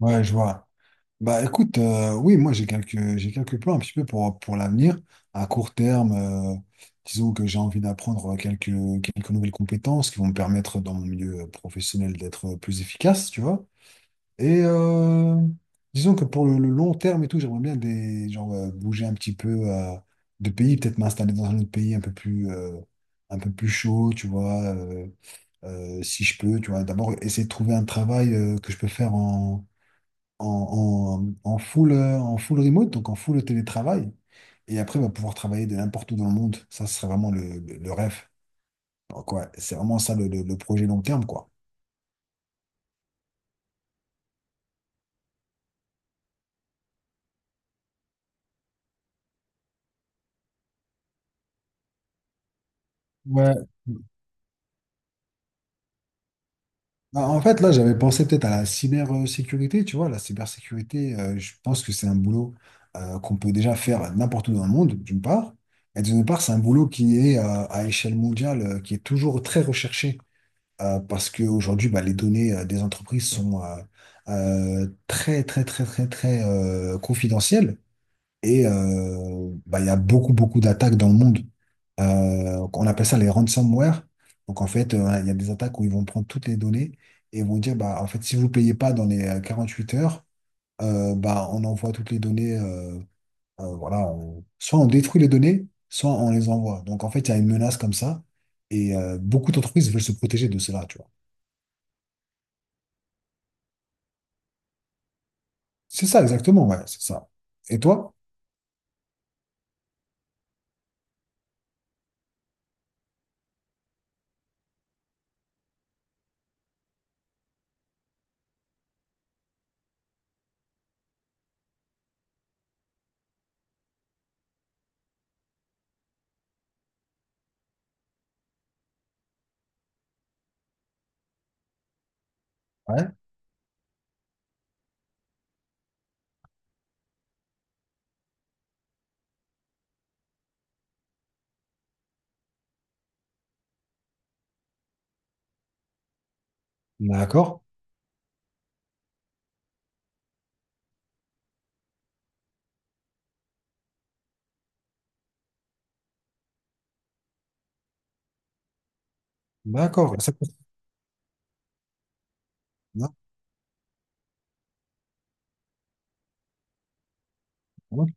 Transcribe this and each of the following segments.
Ouais, je vois. Bah écoute, oui, moi j'ai quelques plans un petit peu pour l'avenir. À court terme, disons que j'ai envie d'apprendre quelques nouvelles compétences qui vont me permettre dans mon milieu professionnel d'être plus efficace, tu vois. Et disons que pour le long terme et tout, j'aimerais bien des genre bouger un petit peu de pays, peut-être m'installer dans un autre pays un peu plus chaud, tu vois. Si je peux, tu vois. D'abord essayer de trouver un travail que je peux faire en full remote, donc en full télétravail. Et après, on va pouvoir travailler de n'importe où dans le monde. Ça, ce serait vraiment le rêve. Alors, quoi, c'est vraiment ça le projet long terme, quoi. Ouais. Ah, en fait, là, j'avais pensé peut-être à la cybersécurité, tu vois, la cybersécurité, je pense que c'est un boulot qu'on peut déjà faire n'importe où dans le monde, d'une part, et d'une part, c'est un boulot qui est à échelle mondiale, qui est toujours très recherché. Parce qu'aujourd'hui, bah, les données des entreprises sont très, très, très, très, très confidentielles. Et bah, il y a beaucoup, beaucoup d'attaques dans le monde. On appelle ça les ransomware. Donc, en fait, voilà, il y a des attaques où ils vont prendre toutes les données et vont dire, bah, en fait, si vous payez pas dans les 8 heures, bah, on envoie toutes les données. Voilà, soit on détruit les données, soit on les envoie. Donc, en fait, il y a une menace comme ça. Et beaucoup d'entreprises veulent se protéger de cela, tu vois. C'est ça, exactement, ouais, c'est ça. Et toi? Ouais, d'accord, d'accord. Non, ok,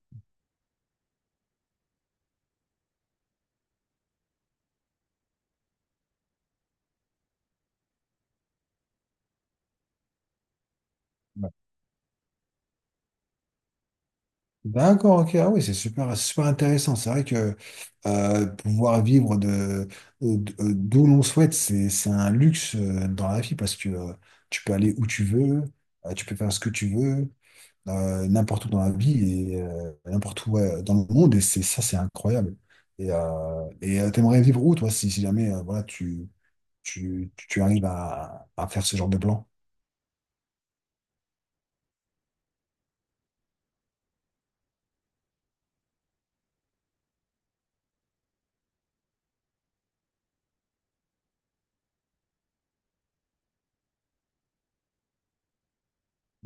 ouais. D'accord, ok, ah oui, c'est super intéressant. C'est vrai que pouvoir vivre de, d'où l'on souhaite, c'est un luxe dans la vie parce que tu peux aller où tu veux, tu peux faire ce que tu veux. N'importe où dans la vie et n'importe où ouais, dans le monde. Et c'est ça, c'est incroyable. Et t'aimerais vivre où, toi, si, si jamais, voilà, tu arrives à faire ce genre de plan?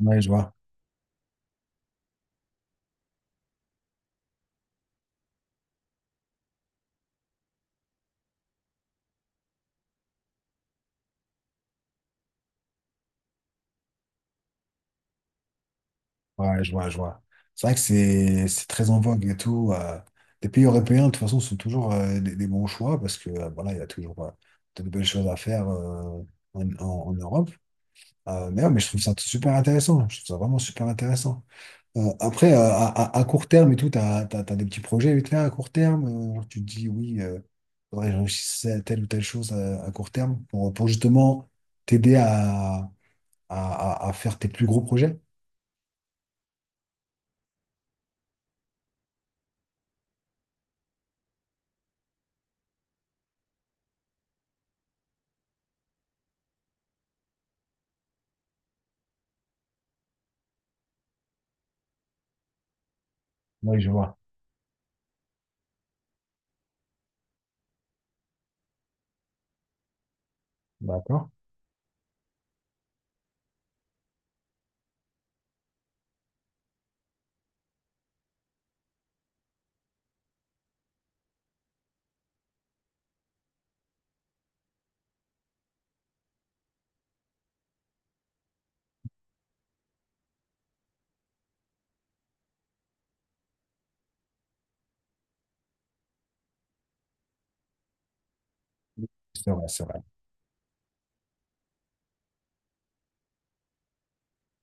Ouais, je vois. Ouais, je vois, je vois. C'est vrai que c'est très en vogue et tout. Les pays européens, de toute façon, sont toujours des bons choix parce que voilà, il y a toujours de belles choses à faire en Europe. Mais, ouais, mais je trouve ça super intéressant. Je trouve ça vraiment super intéressant. Après, à court terme et tout, t'as des petits projets vite fait à court terme. Genre tu te dis, oui, faudrait que je réussisse à telle ou telle chose à court terme pour justement t'aider à faire tes plus gros projets. Oui, je vois. D'accord. C'est vrai, c'est vrai.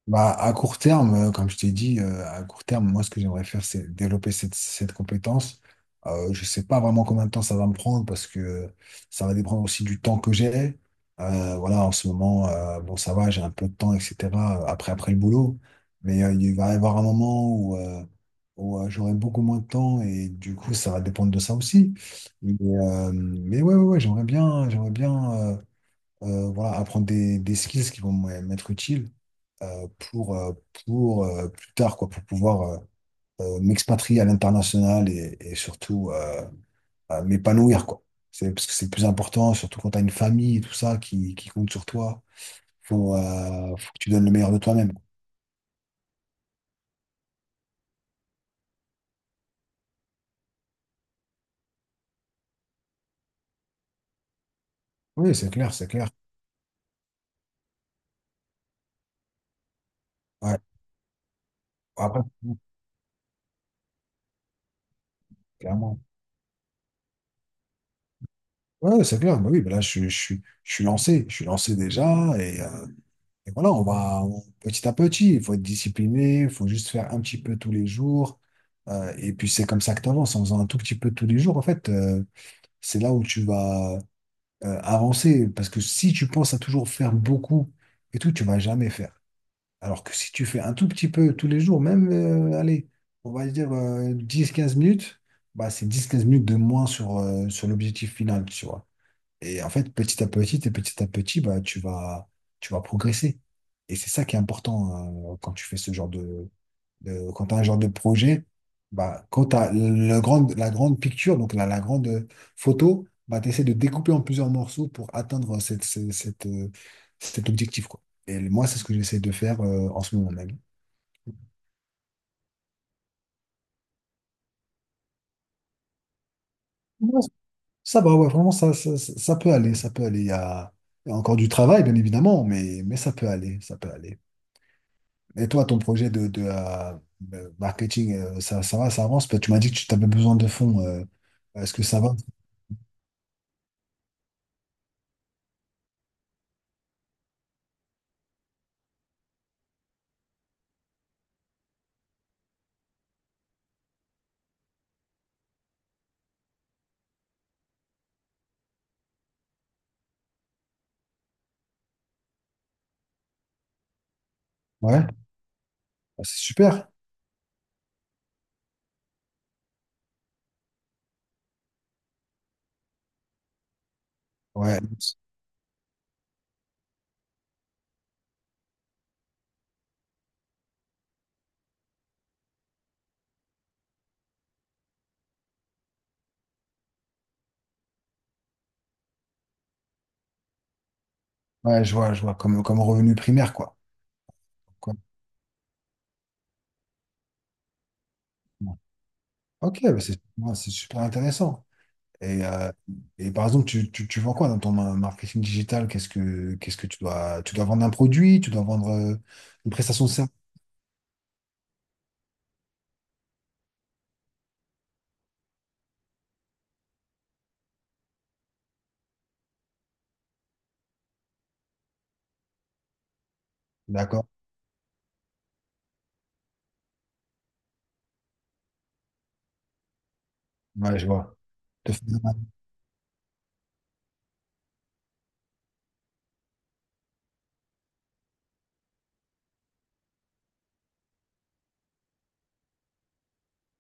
Bah, à court terme, comme je t'ai dit, à court terme, moi, ce que j'aimerais faire, c'est développer cette compétence. Je sais pas vraiment combien de temps ça va me prendre parce que ça va dépendre aussi du temps que j'ai. Voilà, en ce moment, bon, ça va, j'ai un peu de temps, etc. Après le boulot. Mais il va y avoir un moment où, j'aurai beaucoup moins de temps et du coup, ça va dépendre de ça aussi. Mais ouais, ouais, ouais, j'aimerais bien, j'aimerais bien. Voilà, apprendre des skills qui vont m'être utiles euh, pour, euh, pour plus tard, quoi, pour pouvoir m'expatrier à l'international et surtout m'épanouir, quoi. C'est parce que c'est le plus important, surtout quand tu as une famille et tout ça qui compte sur toi. Faut que tu donnes le meilleur de toi-même. Oui, c'est clair, c'est clair. Ouais. Après, clairement. Ouais, ouais, c'est clair. Bah oui, bah là, je suis lancé. Je suis lancé déjà. Et voilà, petit à petit, il faut être discipliné, il faut juste faire un petit peu tous les jours. Et puis c'est comme ça que tu avances, en faisant un tout petit peu tous les jours, en fait, c'est là où tu vas avancer. Parce que si tu penses à toujours faire beaucoup et tout, tu vas jamais faire. Alors que si tu fais un tout petit peu tous les jours, même, allez, on va dire 10 15 minutes, bah, c'est 10 15 minutes de moins sur l'objectif final, tu vois. Et en fait, petit à petit et petit à petit, bah, tu vas progresser. Et c'est ça qui est important, hein, quand tu fais ce genre de, quand tu as un genre de projet, bah, quand tu as le grand, la grande picture, donc la grande photo, bah, tu essaies de découper en plusieurs morceaux pour atteindre cet objectif, quoi. Et moi, c'est ce que j'essaie de faire, en ce moment même. Ouais, ça va, ouais, vraiment, ça peut aller, ça peut aller. Il y a encore du travail, bien évidemment, mais, ça peut aller, ça peut aller. Et toi, ton projet de marketing, ça va, ça avance? Parce que tu m'as dit que tu avais besoin de fonds. Est-ce que ça va? Ouais, bah, c'est super. Ouais, ouais, je vois, comme revenu primaire, quoi. Quoi. Ouais. Ok, bah, c'est ouais, c'est super intéressant. Et, euh, et par exemple, tu vends quoi dans ton marketing digital? Qu'est-ce que tu dois vendre un produit, tu dois vendre une prestation de service. D'accord. Ouais, je vois. Te faire-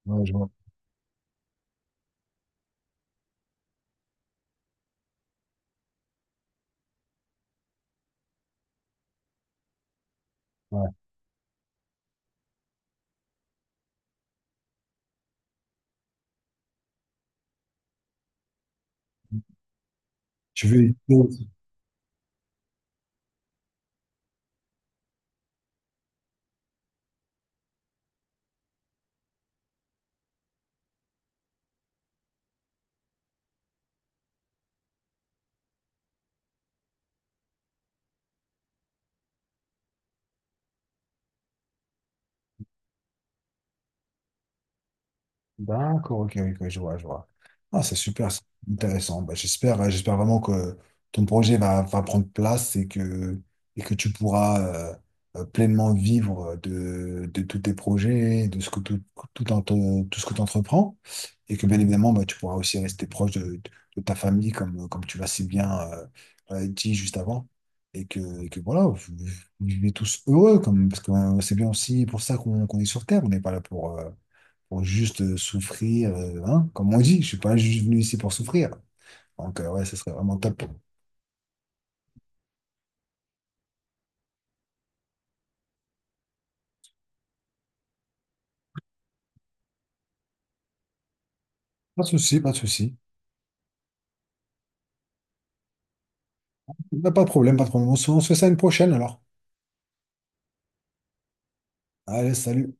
Ouais, je vois. Ouais. Tu veux D'accord, ok, ok, je vois, je vois. Ah, c'est super, c'est intéressant. Bah, j'espère vraiment que ton projet va prendre place et que tu pourras pleinement vivre de tous tes projets, de ce que tout ce que tu entreprends. Et que bien évidemment, bah, tu pourras aussi rester proche de, de ta famille, comme tu l'as si bien dit juste avant. Et que voilà, vous vivez tous heureux, comme, parce que c'est bien aussi pour ça qu'on est sur Terre. On n'est pas là pour juste souffrir, hein, comme on dit, je suis pas juste venu ici pour souffrir. Donc, ouais, ce serait vraiment top. Pas de souci, pas de souci. Bah, pas de problème, pas de problème. On se fait ça une prochaine alors. Allez, salut.